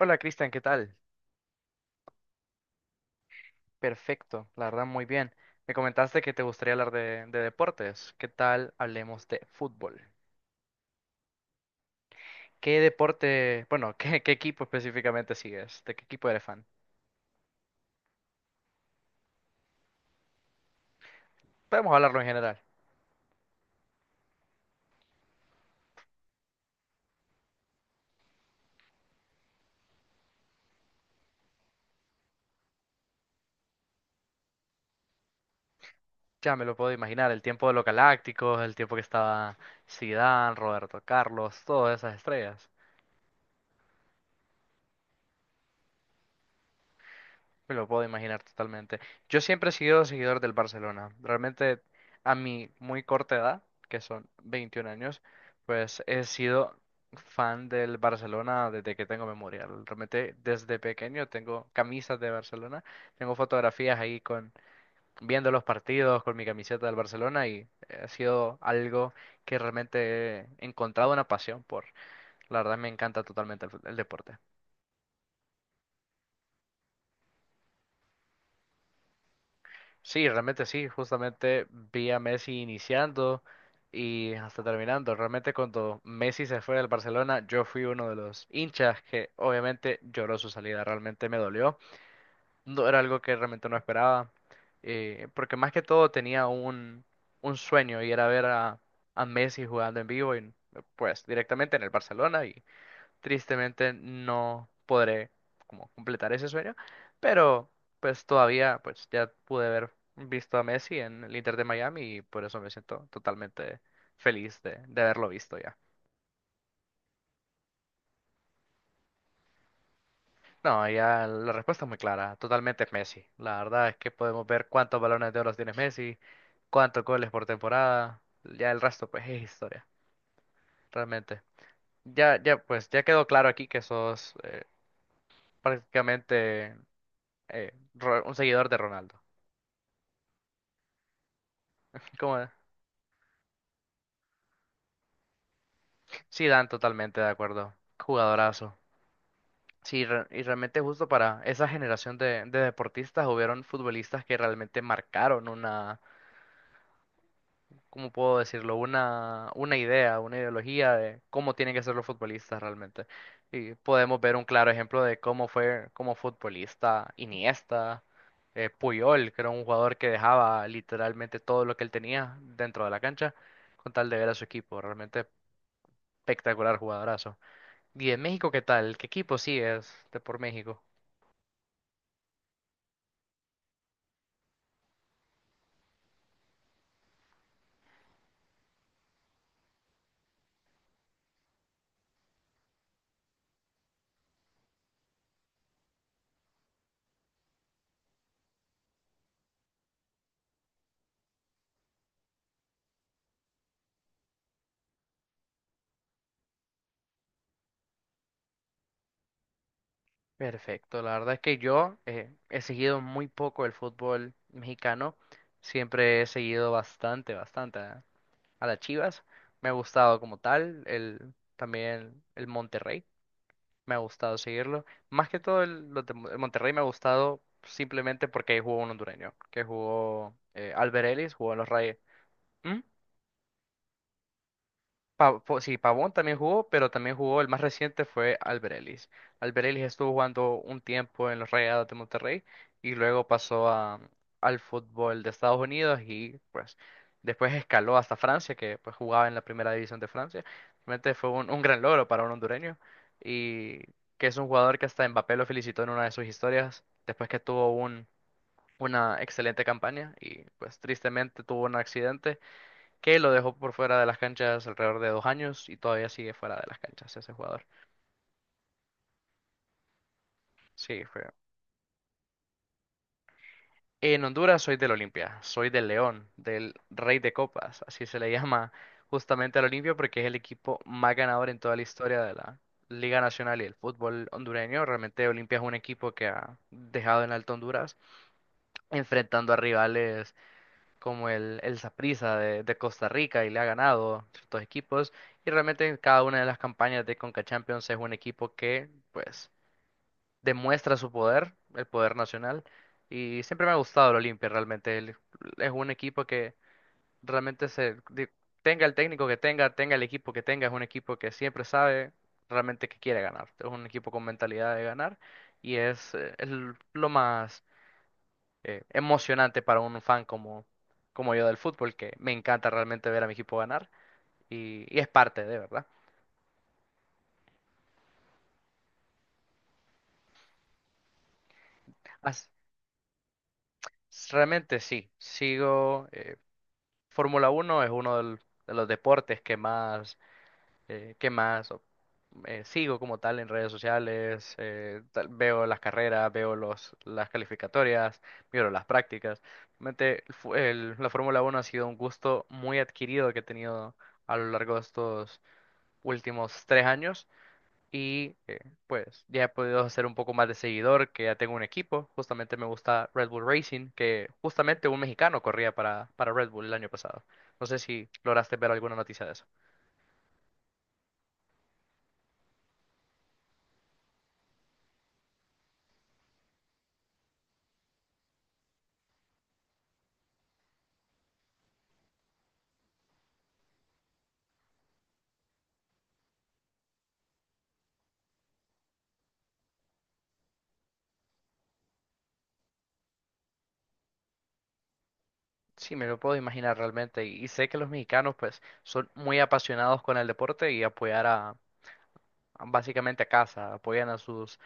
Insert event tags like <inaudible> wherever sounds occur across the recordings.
Hola Cristian, ¿qué tal? Perfecto, la verdad muy bien. Me comentaste que te gustaría hablar de deportes. ¿Qué tal hablemos de fútbol? ¿Qué deporte, bueno, <laughs> qué equipo específicamente sigues? ¿De qué equipo eres fan? Podemos hablarlo en general. Ya me lo puedo imaginar, el tiempo de los Galácticos, el tiempo que estaba Zidane, Roberto Carlos, todas esas estrellas. Me lo puedo imaginar totalmente. Yo siempre he sido seguidor del Barcelona. Realmente a mi muy corta edad, que son 21 años, pues he sido fan del Barcelona desde que tengo memoria. Realmente desde pequeño tengo camisas de Barcelona, tengo fotografías ahí con viendo los partidos con mi camiseta del Barcelona y ha sido algo que realmente he encontrado una pasión por. La verdad me encanta totalmente el deporte. Sí, realmente sí, justamente vi a Messi iniciando y hasta terminando. Realmente cuando Messi se fue del Barcelona, yo fui uno de los hinchas que obviamente lloró su salida, realmente me dolió. No era algo que realmente no esperaba, porque más que todo tenía un sueño y era ver a Messi jugando en vivo y pues directamente en el Barcelona. Tristemente no podré como completar ese sueño, pero pues todavía pues ya pude haber visto a Messi en el Inter de Miami y por eso me siento totalmente feliz de haberlo visto ya. No, ya la respuesta es muy clara, totalmente es Messi. La verdad es que podemos ver cuántos balones de oro tiene Messi, cuántos goles por temporada, ya el resto pues es historia, realmente. Ya, ya pues ya quedó claro aquí que sos prácticamente, un seguidor de Ronaldo. ¿Cómo es? Sí, Dan, totalmente de acuerdo. Jugadorazo. Sí, y realmente justo para esa generación de deportistas hubieron futbolistas que realmente marcaron una, ¿cómo puedo decirlo? Una idea, una ideología de cómo tienen que ser los futbolistas realmente. Y podemos ver un claro ejemplo de cómo fue como futbolista Iniesta, Puyol, que era un jugador que dejaba literalmente todo lo que él tenía dentro de la cancha con tal de ver a su equipo. Realmente espectacular jugadorazo. ¿Y en México qué tal? ¿Qué equipo sigues de por México? Perfecto, la verdad es que yo he seguido muy poco el fútbol mexicano, siempre he seguido bastante, bastante a las Chivas, me ha gustado como tal, también el Monterrey, me ha gustado seguirlo, más que todo el Monterrey me ha gustado simplemente porque ahí jugó un hondureño, que jugó Alber Ellis, jugó en los Rayes. Sí, Pavón también jugó, pero también jugó, el más reciente fue Albert Ellis. Albert Ellis estuvo jugando un tiempo en los Rayados de Monterrey y luego al fútbol de Estados Unidos y pues después escaló hasta Francia, que pues jugaba en la primera división de Francia. Realmente fue un gran logro para un hondureño y que es un jugador que hasta Mbappé lo felicitó en una de sus historias después que tuvo una excelente campaña y pues tristemente tuvo un accidente que lo dejó por fuera de las canchas alrededor de 2 años y todavía sigue fuera de las canchas ese jugador. Sí, fue. En Honduras soy del Olimpia, soy del León, del Rey de Copas, así se le llama justamente al Olimpia porque es el equipo más ganador en toda la historia de la Liga Nacional y el fútbol hondureño. Realmente Olimpia es un equipo que ha dejado en alto Honduras, enfrentando a rivales como el Saprissa de Costa Rica y le ha ganado ciertos equipos. Y realmente en cada una de las campañas de Conca Champions es un equipo que, pues, demuestra su poder, el poder nacional. Y siempre me ha gustado el Olimpia, realmente. Es un equipo que realmente tenga el técnico que tenga, tenga el equipo que tenga, es un equipo que siempre sabe realmente que quiere ganar. Es un equipo con mentalidad de ganar. Lo más emocionante para un fan como yo del fútbol, que me encanta realmente ver a mi equipo ganar y es parte de, ¿verdad? As- Realmente sí, sigo, Fórmula 1 es uno de los deportes que más sigo como tal en redes sociales, veo las carreras, veo las calificatorias, miro las prácticas. Realmente la Fórmula 1 ha sido un gusto muy adquirido que he tenido a lo largo de estos últimos 3 años. Y pues ya he podido hacer un poco más de seguidor, que ya tengo un equipo. Justamente me gusta Red Bull Racing, que justamente un mexicano corría para Red Bull el año pasado. No sé si lograste ver alguna noticia de eso. Sí, me lo puedo imaginar realmente. Y sé que los mexicanos pues son muy apasionados con el deporte y apoyar a básicamente a casa, apoyan a sus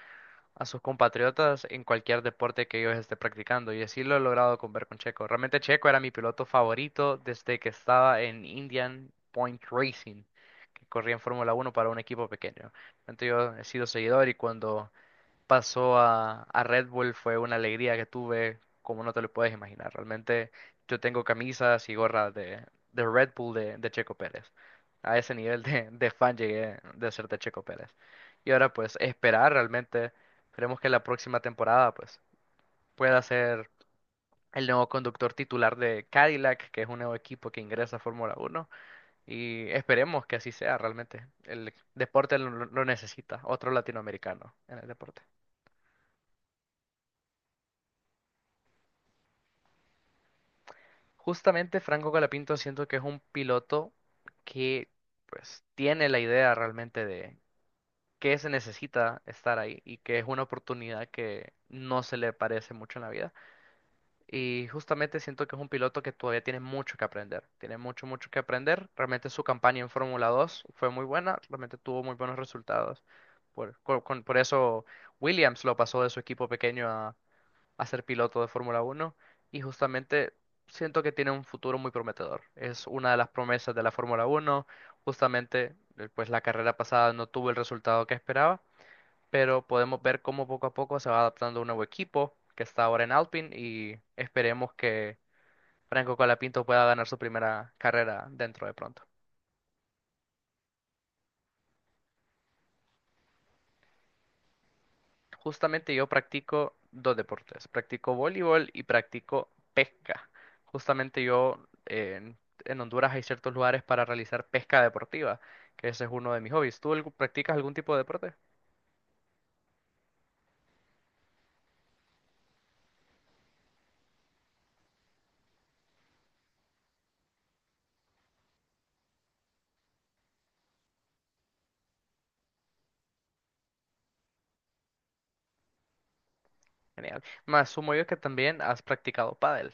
a sus compatriotas en cualquier deporte que ellos esté practicando. Y así lo he logrado con ver con Checo. Realmente Checo era mi piloto favorito desde que estaba en Indian Point Racing, que corría en Fórmula 1 para un equipo pequeño. Entonces yo he sido seguidor y cuando pasó a Red Bull fue una alegría que tuve, como no te lo puedes imaginar. Realmente yo tengo camisas y gorras de Red Bull de Checo Pérez. A ese nivel de fan llegué de ser de Checo Pérez. Y ahora pues esperar realmente, esperemos que la próxima temporada pues pueda ser el nuevo conductor titular de Cadillac, que es un nuevo equipo que ingresa a Fórmula 1. Y esperemos que así sea realmente. El deporte lo necesita, otro latinoamericano en el deporte. Justamente Franco Colapinto siento que es un piloto que pues tiene la idea realmente de qué se necesita estar ahí y que es una oportunidad que no se le parece mucho en la vida. Y justamente siento que es un piloto que todavía tiene mucho que aprender, tiene mucho, mucho que aprender. Realmente su campaña en Fórmula 2 fue muy buena, realmente tuvo muy buenos resultados. Por eso Williams lo pasó de su equipo pequeño a ser piloto de Fórmula 1 y justamente siento que tiene un futuro muy prometedor. Es una de las promesas de la Fórmula 1. Justamente, pues la carrera pasada no tuvo el resultado que esperaba, pero podemos ver cómo poco a poco se va adaptando un nuevo equipo que está ahora en Alpine y esperemos que Franco Colapinto pueda ganar su primera carrera dentro de pronto. Justamente yo practico dos deportes. Practico voleibol y practico pesca. Justamente yo en Honduras hay ciertos lugares para realizar pesca deportiva, que ese es uno de mis hobbies. ¿Tú practicas algún tipo de deporte? Genial. Me asumo yo que también has practicado pádel,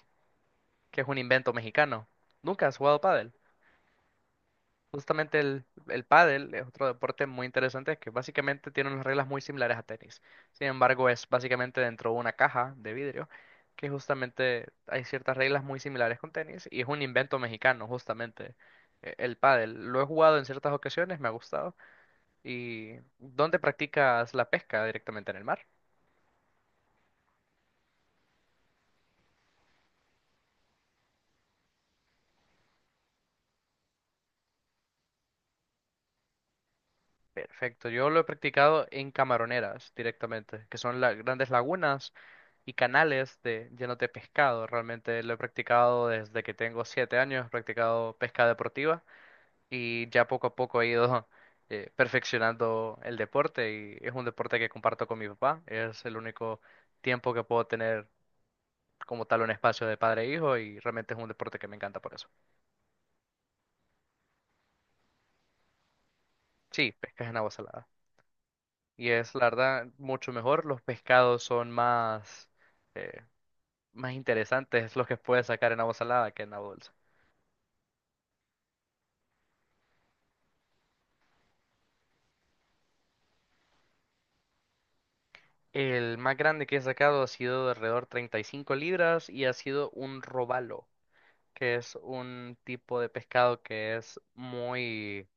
que es un invento mexicano. ¿Nunca has jugado pádel? Justamente el pádel es otro deporte muy interesante que básicamente tiene unas reglas muy similares a tenis. Sin embargo, es básicamente dentro de una caja de vidrio que justamente hay ciertas reglas muy similares con tenis y es un invento mexicano justamente, el pádel. Lo he jugado en ciertas ocasiones, me ha gustado. ¿Y dónde practicas la pesca? ¿Directamente en el mar? Perfecto, yo lo he practicado en camaroneras directamente, que son las grandes lagunas y canales llenos de pescado. Realmente lo he practicado desde que tengo 7 años, he practicado pesca deportiva y ya poco a poco he ido <laughs> perfeccionando el deporte y es un deporte que comparto con mi papá. Es el único tiempo que puedo tener como tal un espacio de padre e hijo y realmente es un deporte que me encanta por eso. Sí, pescas en agua salada. Y es, la verdad, mucho mejor. Los pescados son eh, más interesantes los que puedes sacar en agua salada que en agua dulce. El más grande que he sacado ha sido de alrededor 35 libras y ha sido un robalo, que es un tipo de pescado que es muy.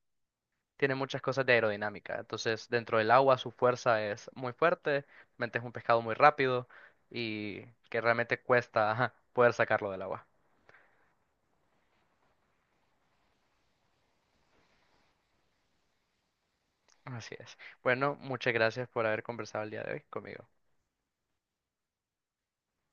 Tiene muchas cosas de aerodinámica. Entonces, dentro del agua su fuerza es muy fuerte, realmente es un pescado muy rápido y que realmente cuesta, ajá, poder sacarlo del agua. Así es. Bueno, muchas gracias por haber conversado el día de hoy conmigo.